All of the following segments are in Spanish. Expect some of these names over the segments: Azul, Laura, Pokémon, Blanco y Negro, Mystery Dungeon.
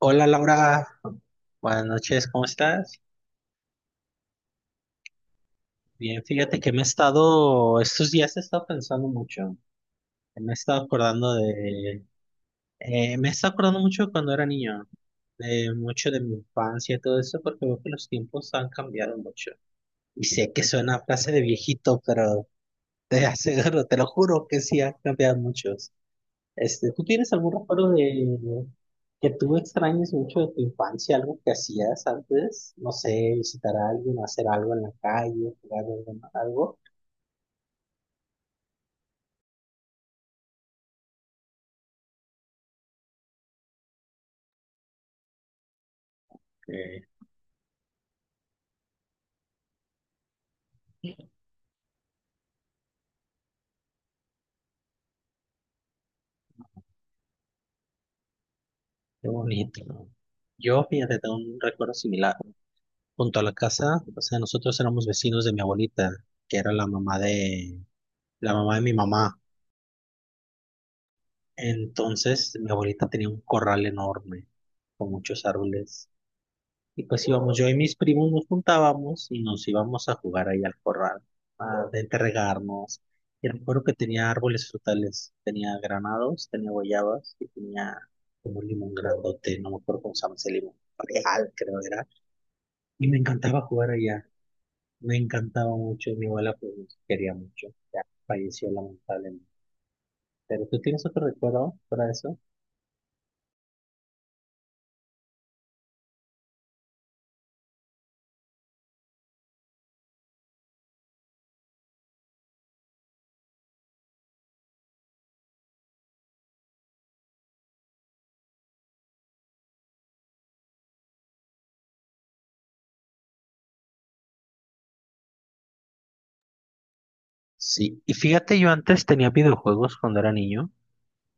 Hola Laura, buenas noches, ¿cómo estás? Bien, fíjate que estos días he estado pensando mucho, me he estado acordando de, me he estado acordando mucho de cuando era niño, de mucho de mi infancia y todo eso, porque veo que los tiempos han cambiado mucho. Y sé que suena a frase de viejito, pero te aseguro, te lo juro que sí han cambiado mucho. ¿Tú tienes algún recuerdo de que tú extrañes mucho de tu infancia, algo que hacías antes? No sé, visitar a alguien, hacer algo en la calle, jugar algo, ¿no? Algo. Eh, Qué bonito, ¿no? Yo, fíjate, tengo un recuerdo similar. Junto a la casa, o sea, nosotros éramos vecinos de mi abuelita, que era la mamá de mi mamá. Entonces, mi abuelita tenía un corral enorme, con muchos árboles. Y pues íbamos, yo y mis primos nos juntábamos y nos íbamos a jugar ahí al corral, a entregarnos. Y recuerdo que tenía árboles frutales, tenía granados, tenía guayabas y tenía como un limón grandote, no me acuerdo cómo se llama ese limón, real creo era. Y me encantaba jugar allá, me encantaba mucho, mi abuela pues nos quería mucho, ya falleció lamentablemente. ¿Pero tú tienes otro recuerdo para eso? Sí, y fíjate, yo antes tenía videojuegos cuando era niño.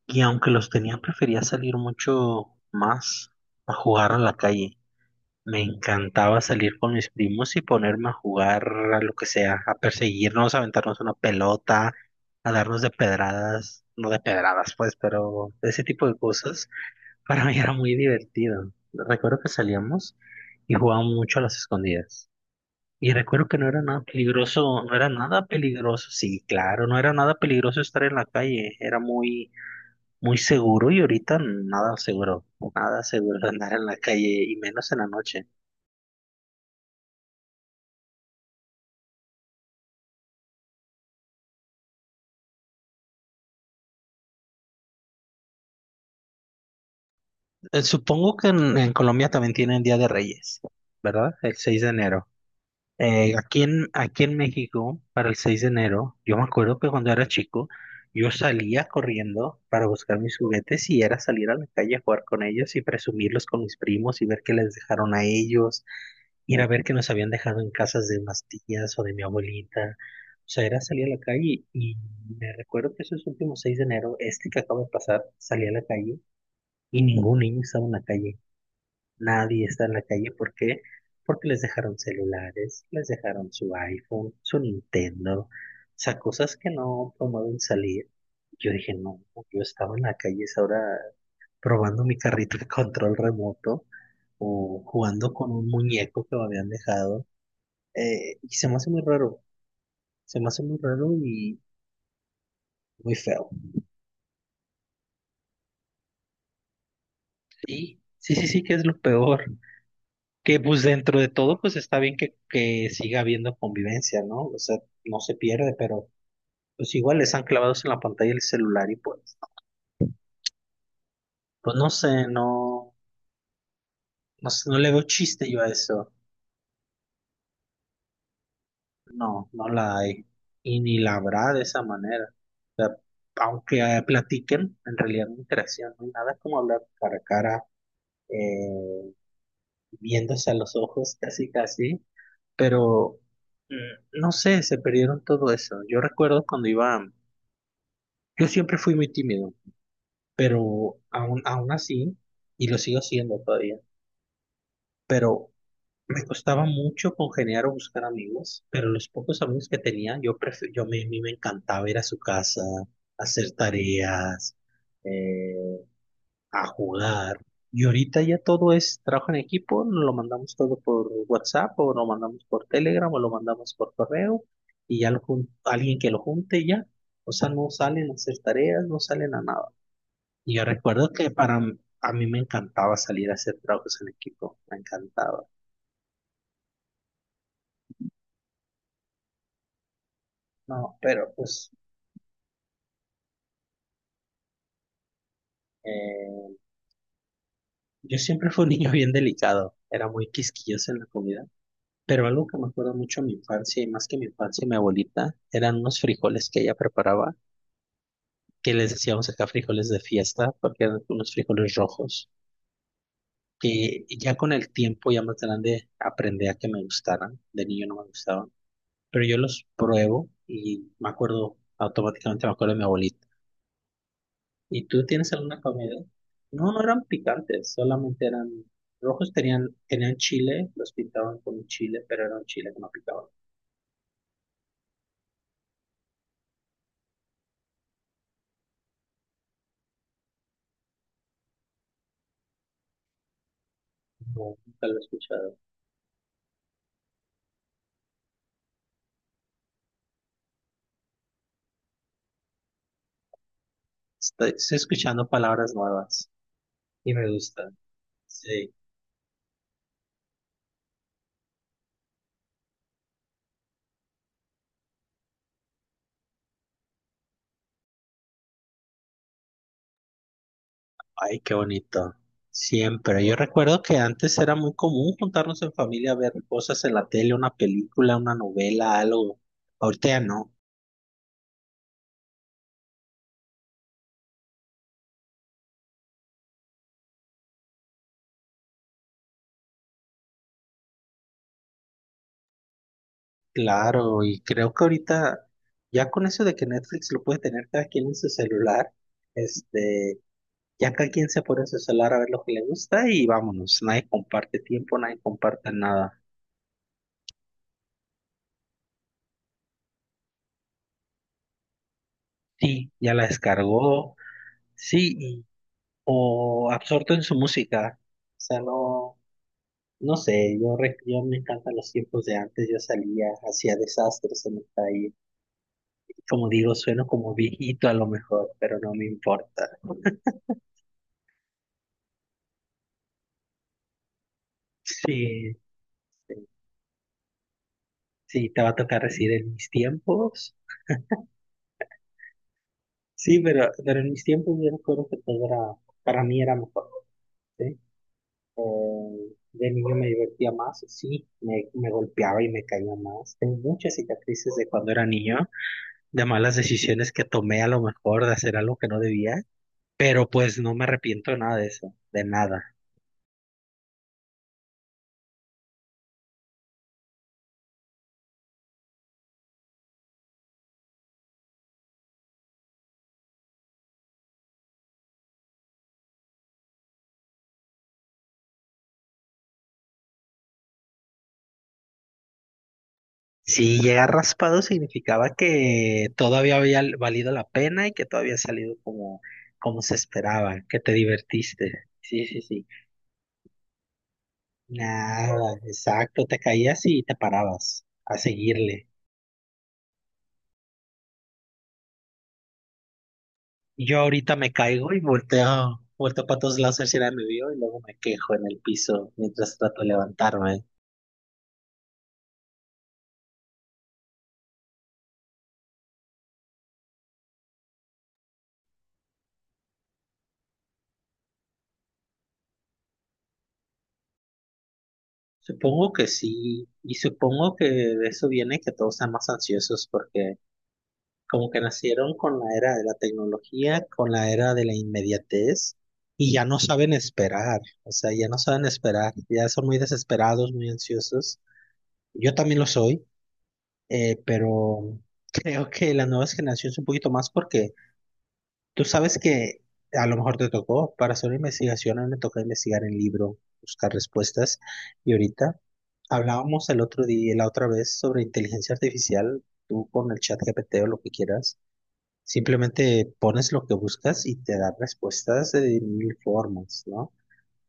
Y aunque los tenía, prefería salir mucho más a jugar a la calle. Me encantaba salir con mis primos y ponerme a jugar a lo que sea, a perseguirnos, a aventarnos una pelota, a darnos de pedradas, no de pedradas pues, pero ese tipo de cosas para mí era muy divertido. Recuerdo que salíamos y jugábamos mucho a las escondidas. Y recuerdo que no era nada peligroso, no era nada peligroso, sí, claro, no era nada peligroso estar en la calle, era muy muy seguro y ahorita nada seguro, nada seguro de andar en la calle y menos en la noche. Supongo que en Colombia también tienen Día de Reyes, ¿verdad? El 6 de enero. Aquí en México, para el 6 de enero, yo me acuerdo que cuando era chico, yo salía corriendo para buscar mis juguetes y era salir a la calle a jugar con ellos y presumirlos con mis primos y ver que les dejaron a ellos, ir a ver que nos habían dejado en casas de unas tías o de mi abuelita. O sea, era salir a la calle y me recuerdo que esos últimos 6 de enero, este que acaba de pasar, salí a la calle y ningún niño estaba en la calle. Nadie está en la calle. ¿Por qué? Porque les dejaron celulares, les dejaron su iPhone, su Nintendo, o sea, cosas que no promueven salir. Yo dije, no, yo estaba en la calle es ahora probando mi carrito de control remoto o jugando con un muñeco que me habían dejado. Y se me hace muy raro, se me hace muy raro y muy feo. Sí, sí, sí, sí, que es lo peor. Que pues dentro de todo, pues está bien que siga habiendo convivencia, ¿no? O sea, no se pierde, pero pues igual están clavados en la pantalla del celular y pues, no sé, no, no sé, no le veo chiste yo a eso. No, no la hay. Y ni la habrá de esa manera. O sea, aunque platiquen, en realidad no hay interacción, no hay nada como hablar cara a cara, eh, viéndose a los ojos casi casi, pero no sé, se perdieron todo eso. Yo recuerdo cuando iba, yo siempre fui muy tímido, pero aún así, y lo sigo siendo todavía, pero me costaba mucho congeniar o buscar amigos, pero los pocos amigos que tenía, yo, prefe- yo me, a mí me encantaba ir a su casa, hacer tareas, eh, a jugar. Y ahorita ya todo es trabajo en equipo, nos lo mandamos todo por WhatsApp o lo mandamos por Telegram o lo mandamos por correo y alguien que lo junte y ya. O sea, no salen a hacer tareas, no salen a nada. Y yo recuerdo que a mí me encantaba salir a hacer trabajos en equipo, me encantaba. No, pero pues Eh, yo siempre fui un niño bien delicado, era muy quisquilloso en la comida, pero algo que me acuerdo mucho de mi infancia, y más que mi infancia mi abuelita, eran unos frijoles que ella preparaba, que les decíamos acá frijoles de fiesta, porque eran unos frijoles rojos, que ya con el tiempo, ya más grande, aprendí a que me gustaran, de niño no me gustaban, pero yo los pruebo y me acuerdo, automáticamente me acuerdo de mi abuelita. ¿Y tú tienes alguna comida? No, no eran picantes, solamente eran rojos, tenían chile, los pintaban con chile, pero era un chile que no picaba. No, nunca lo he escuchado. Estoy escuchando palabras nuevas y me gusta. Sí, ay, qué bonito. Siempre. Yo recuerdo que antes era muy común juntarnos en familia a ver cosas en la tele, una película, una novela, algo. Ahorita ya no. Claro, y creo que ahorita, ya con eso de que Netflix lo puede tener cada quien en su celular, este, ya cada quien se pone en su celular a ver lo que le gusta y vámonos, nadie comparte tiempo, nadie comparte nada. Sí, ya la descargó, sí, o absorto en su música, o sea, no, no sé, yo me encantan los tiempos de antes, yo salía, hacía desastres en el país, como digo, sueno como viejito a lo mejor, pero no me importa. Sí, sí. Sí, te va a tocar decir en mis tiempos. Sí, pero en mis tiempos yo recuerdo que todo era, para mí era mejor, ¿sí? De niño me divertía más, sí, me golpeaba y me caía más. Tengo muchas cicatrices de cuando era niño, de malas decisiones que tomé a lo mejor, de hacer algo que no debía, pero pues no me arrepiento de nada de eso, de nada. Si llegar raspado significaba que todavía había valido la pena y que todavía había salido como se esperaba, que te divertiste. Sí, sí, sí. Nada, exacto, te caías y te parabas a seguirle. Yo ahorita me caigo y volteo, volteo para todos lados a ver si nadie me vio y luego me quejo en el piso mientras trato de levantarme. Supongo que sí, y supongo que de eso viene que todos sean más ansiosos porque como que nacieron con la era de la tecnología, con la era de la inmediatez y ya no saben esperar, o sea, ya no saben esperar, ya son muy desesperados, muy ansiosos. Yo también lo soy. Pero creo que las nuevas generaciones un poquito más porque tú sabes que a lo mejor te tocó, para hacer una investigación, a mí me toca investigar en libro, buscar respuestas, y ahorita hablábamos el otro día, la otra vez, sobre inteligencia artificial, tú con el Chat GPT o lo que quieras, simplemente pones lo que buscas y te da respuestas de mil formas, ¿no?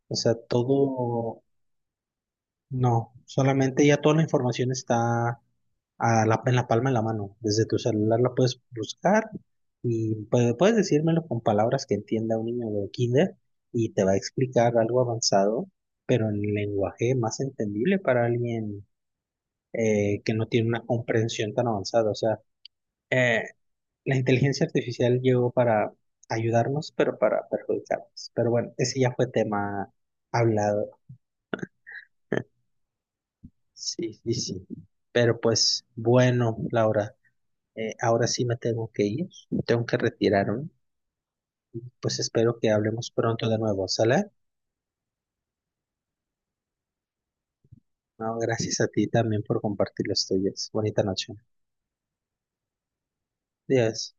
O sea, todo no, solamente ya toda la información está a la, en la palma de la mano. Desde tu celular la puedes buscar y puedes decírmelo con palabras que entienda un niño de kinder y te va a explicar algo avanzado, pero en lenguaje más entendible para alguien que no tiene una comprensión tan avanzada. O sea, eh, la inteligencia artificial llegó para ayudarnos, pero para perjudicarnos. Pero bueno, ese ya fue tema hablado. Sí, sí, sí. Pero pues bueno, Laura, ahora sí me tengo que ir, tengo que retirarme. Pues espero que hablemos pronto de nuevo, ¿sale? No, gracias a ti también por compartir los tuyos. Bonita noche. Adiós.